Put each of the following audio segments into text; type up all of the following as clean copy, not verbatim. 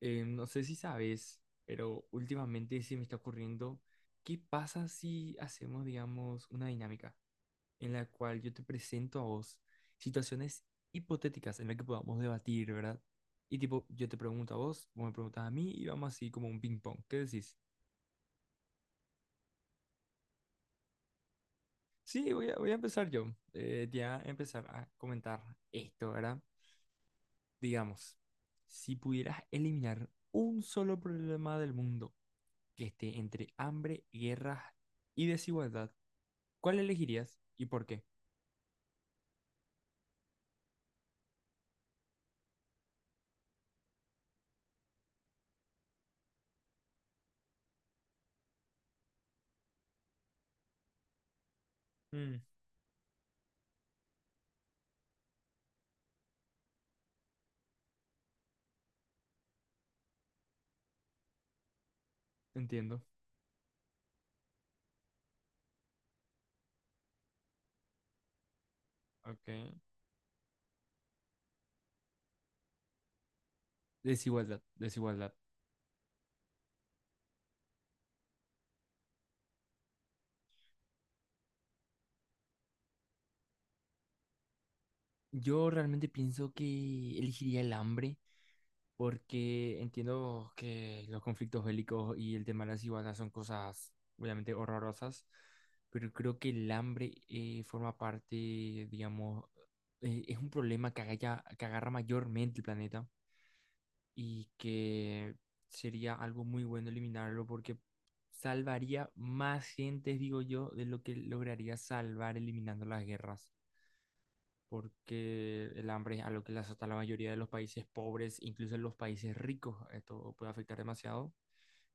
No sé si sabes, pero últimamente se me está ocurriendo, ¿qué pasa si hacemos, digamos, una dinámica en la cual yo te presento a vos situaciones hipotéticas en las que podamos debatir?, ¿verdad? Y tipo, yo te pregunto a vos, vos me preguntas a mí y vamos así como un ping pong. ¿Qué decís? Sí, voy a empezar yo. Ya empezar a comentar esto, ¿verdad? Digamos, si pudieras eliminar un solo problema del mundo, que esté entre hambre, guerras y desigualdad, ¿cuál elegirías y por qué? Mm, entiendo. Ok. Desigualdad, desigualdad. Yo realmente pienso que elegiría el hambre porque entiendo que los conflictos bélicos y el tema de la desigualdad son cosas obviamente horrorosas, pero creo que el hambre forma parte, digamos, es un problema que, que agarra mayormente el planeta y que sería algo muy bueno eliminarlo porque salvaría más gentes, digo yo, de lo que lograría salvar eliminando las guerras, porque el hambre es algo que le azota a la mayoría de los países pobres, incluso en los países ricos, esto puede afectar demasiado.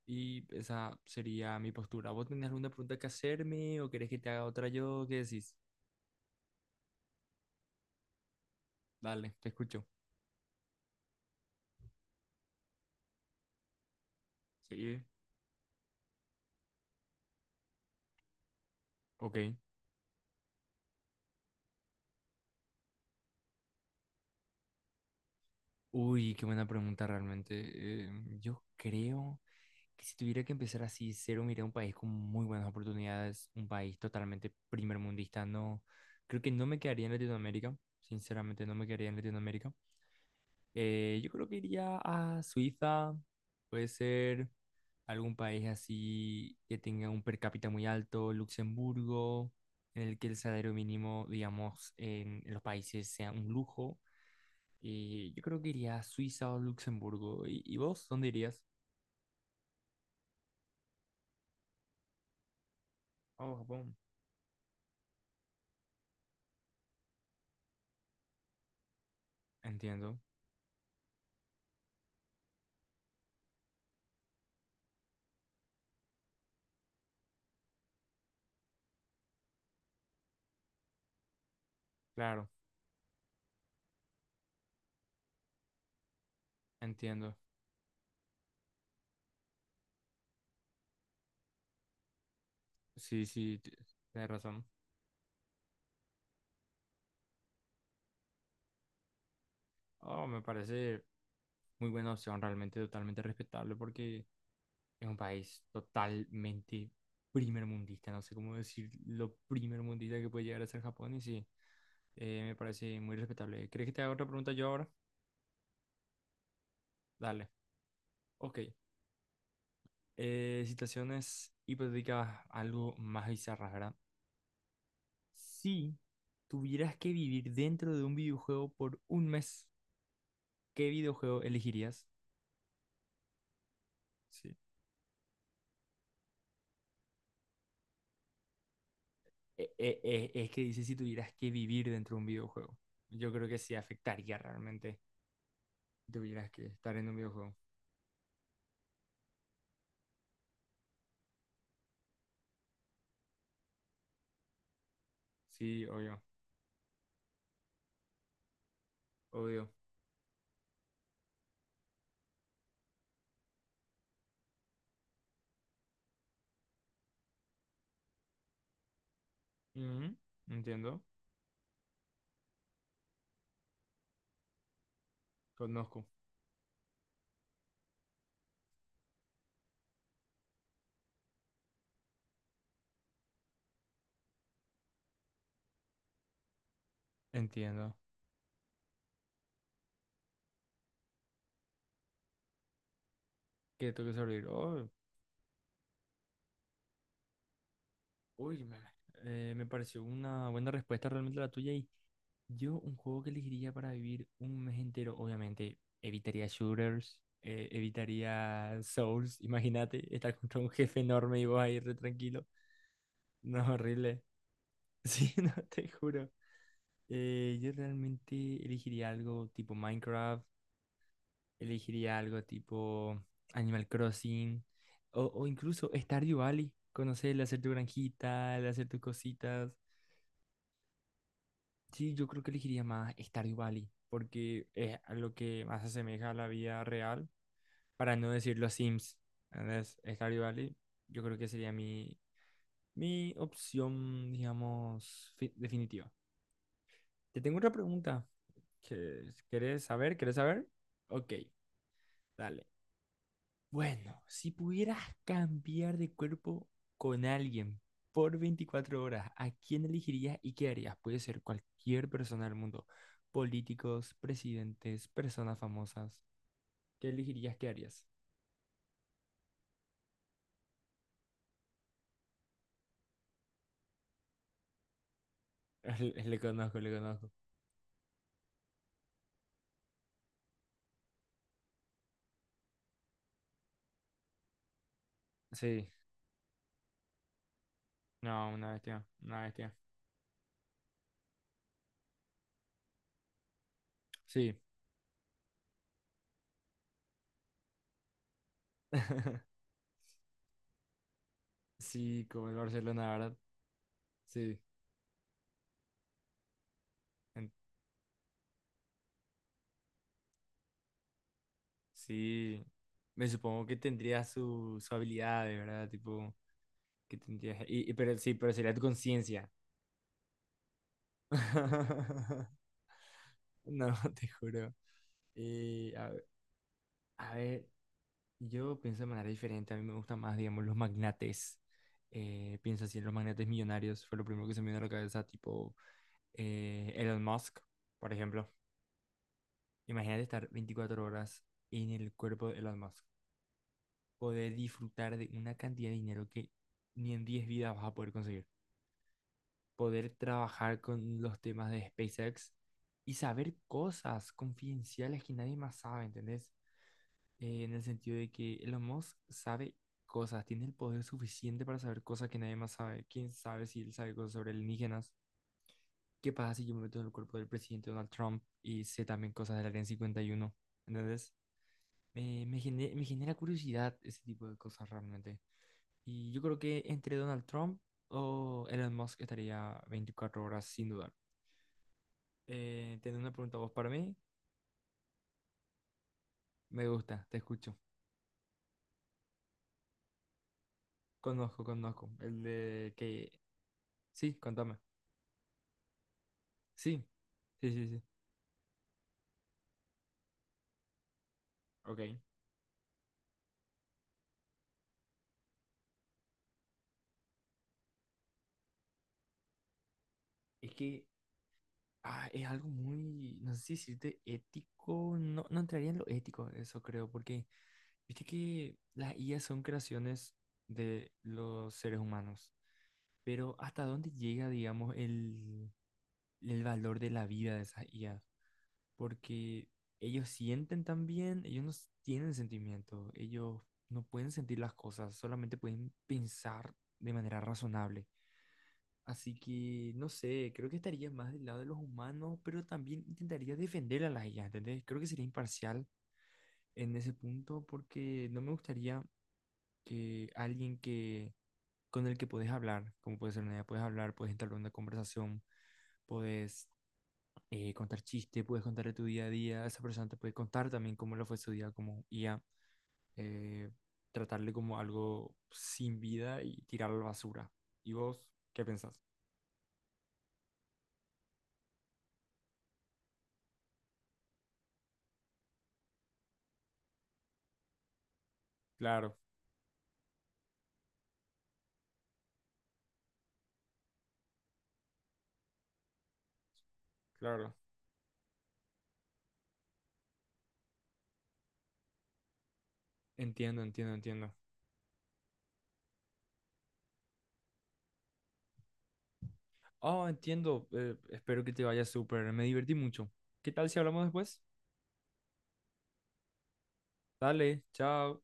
Y esa sería mi postura. ¿Vos tenés alguna pregunta que hacerme o querés que te haga otra yo? ¿Qué decís? Dale, te escucho. Sí. Ok. Uy, qué buena pregunta realmente. Yo creo que si tuviera que empezar así cero, miré un país con muy buenas oportunidades, un país totalmente primermundista. No, creo que no me quedaría en Latinoamérica, sinceramente no me quedaría en Latinoamérica. Yo creo que iría a Suiza, puede ser algún país así que tenga un per cápita muy alto, Luxemburgo, en el que el salario mínimo, digamos, en los países sea un lujo y yo creo que iría a Suiza o Luxemburgo. Y vos dónde irías? Oh, Japón. Entiendo, claro, entiendo. Sí, sí, tenés razón. Oh, me parece muy buena opción, realmente totalmente respetable porque es un país totalmente primermundista, no sé cómo decir lo primermundista que puede llegar a ser Japón, y sí, me parece muy respetable. ¿Crees que te haga otra pregunta yo ahora? Dale. Ok. Situaciones hipotéticas algo más bizarras, ¿verdad? Si tuvieras que vivir dentro de un videojuego por un mes, ¿qué videojuego elegirías? Sí. E- e- es que dice si tuvieras que vivir dentro de un videojuego. Yo creo que sí afectaría realmente si tuvieras que estar en un videojuego. Sí, obvio, obvio. Ujú. Entiendo, conozco. Entiendo. Que tengo que sobrevivir. Oh. Uy, me pareció una buena respuesta realmente la tuya, y yo un juego que elegiría para vivir un mes entero, obviamente evitaría shooters, evitaría Souls, imagínate estar contra un jefe enorme y vos ahí re tranquilo, no, horrible. Sí, no, te juro. Yo realmente elegiría algo tipo Minecraft, elegiría algo tipo Animal Crossing, o incluso Stardew Valley, conocer, el hacer tu granjita, el hacer tus cositas. Sí, yo creo que elegiría más Stardew Valley, porque es a lo que más se asemeja a la vida real, para no decir los Sims. Entonces, Stardew Valley, yo creo que sería mi, opción, digamos, definitiva. Te tengo otra pregunta. Que, ¿querés saber? ¿Querés saber? Ok, dale. Bueno, si pudieras cambiar de cuerpo con alguien por 24 horas, ¿a quién elegirías y qué harías? Puede ser cualquier persona del mundo, políticos, presidentes, personas famosas. ¿Qué elegirías, qué harías? Le conozco, le conozco. Sí, no, una bestia, una bestia. Sí, sí, como el Barcelona, ¿verdad? Sí, en- sí. Me supongo que tendría su habilidad, ¿verdad? Tipo, que tendría... Pero sí, pero sería tu conciencia. No, te juro. Y a, ve- a ver, yo pienso de manera diferente. A mí me gustan más, digamos, los magnates. Pienso así en los magnates millonarios. Fue lo primero que se me vino a la cabeza, tipo Elon Musk, por ejemplo. Imagínate estar 24 horas en el cuerpo de Elon Musk. Poder disfrutar de una cantidad de dinero que ni en 10 vidas vas a poder conseguir. Poder trabajar con los temas de SpaceX y saber cosas confidenciales que nadie más sabe, ¿entendés? En el sentido de que Elon Musk sabe cosas, tiene el poder suficiente para saber cosas que nadie más sabe. ¿Quién sabe si él sabe cosas sobre alienígenas? ¿Qué pasa si yo me meto en el cuerpo del presidente Donald Trump y sé también cosas del Área 51? Entonces, me genera curiosidad ese tipo de cosas realmente. Y yo creo que entre Donald Trump o Elon Musk estaría 24 horas sin dudar. ¿Tenés una pregunta vos para mí? Me gusta, te escucho. Conozco, conozco. El de que... Sí, contame. Sí, sí, sí, sí. Ok. Es que es algo muy, no sé si decirte ético, no, no entraría en lo ético, eso creo, porque viste que las IA son creaciones de los seres humanos, pero ¿hasta dónde llega, digamos, el, valor de la vida de esas IA? Porque ellos sienten también, ellos no tienen sentimiento, ellos no pueden sentir las cosas, solamente pueden pensar de manera razonable. Así que, no sé, creo que estaría más del lado de los humanos, pero también intentaría defender a las IA, ¿entendés? Creo que sería imparcial en ese punto porque no me gustaría que alguien que con el que podés hablar, como puede ser una IA, puedes hablar, puedes entablar una conversación, puedes contar chistes, puedes contar de tu día a día, esa persona te puede contar también cómo lo fue su día como IA, eh, tratarle como algo sin vida y tirarlo a la basura. ¿Y vos qué pensás? Claro, claro. Entiendo, entiendo, entiendo. Oh, entiendo. Espero que te vaya súper. Me divertí mucho. ¿Qué tal si hablamos después? Dale, chao.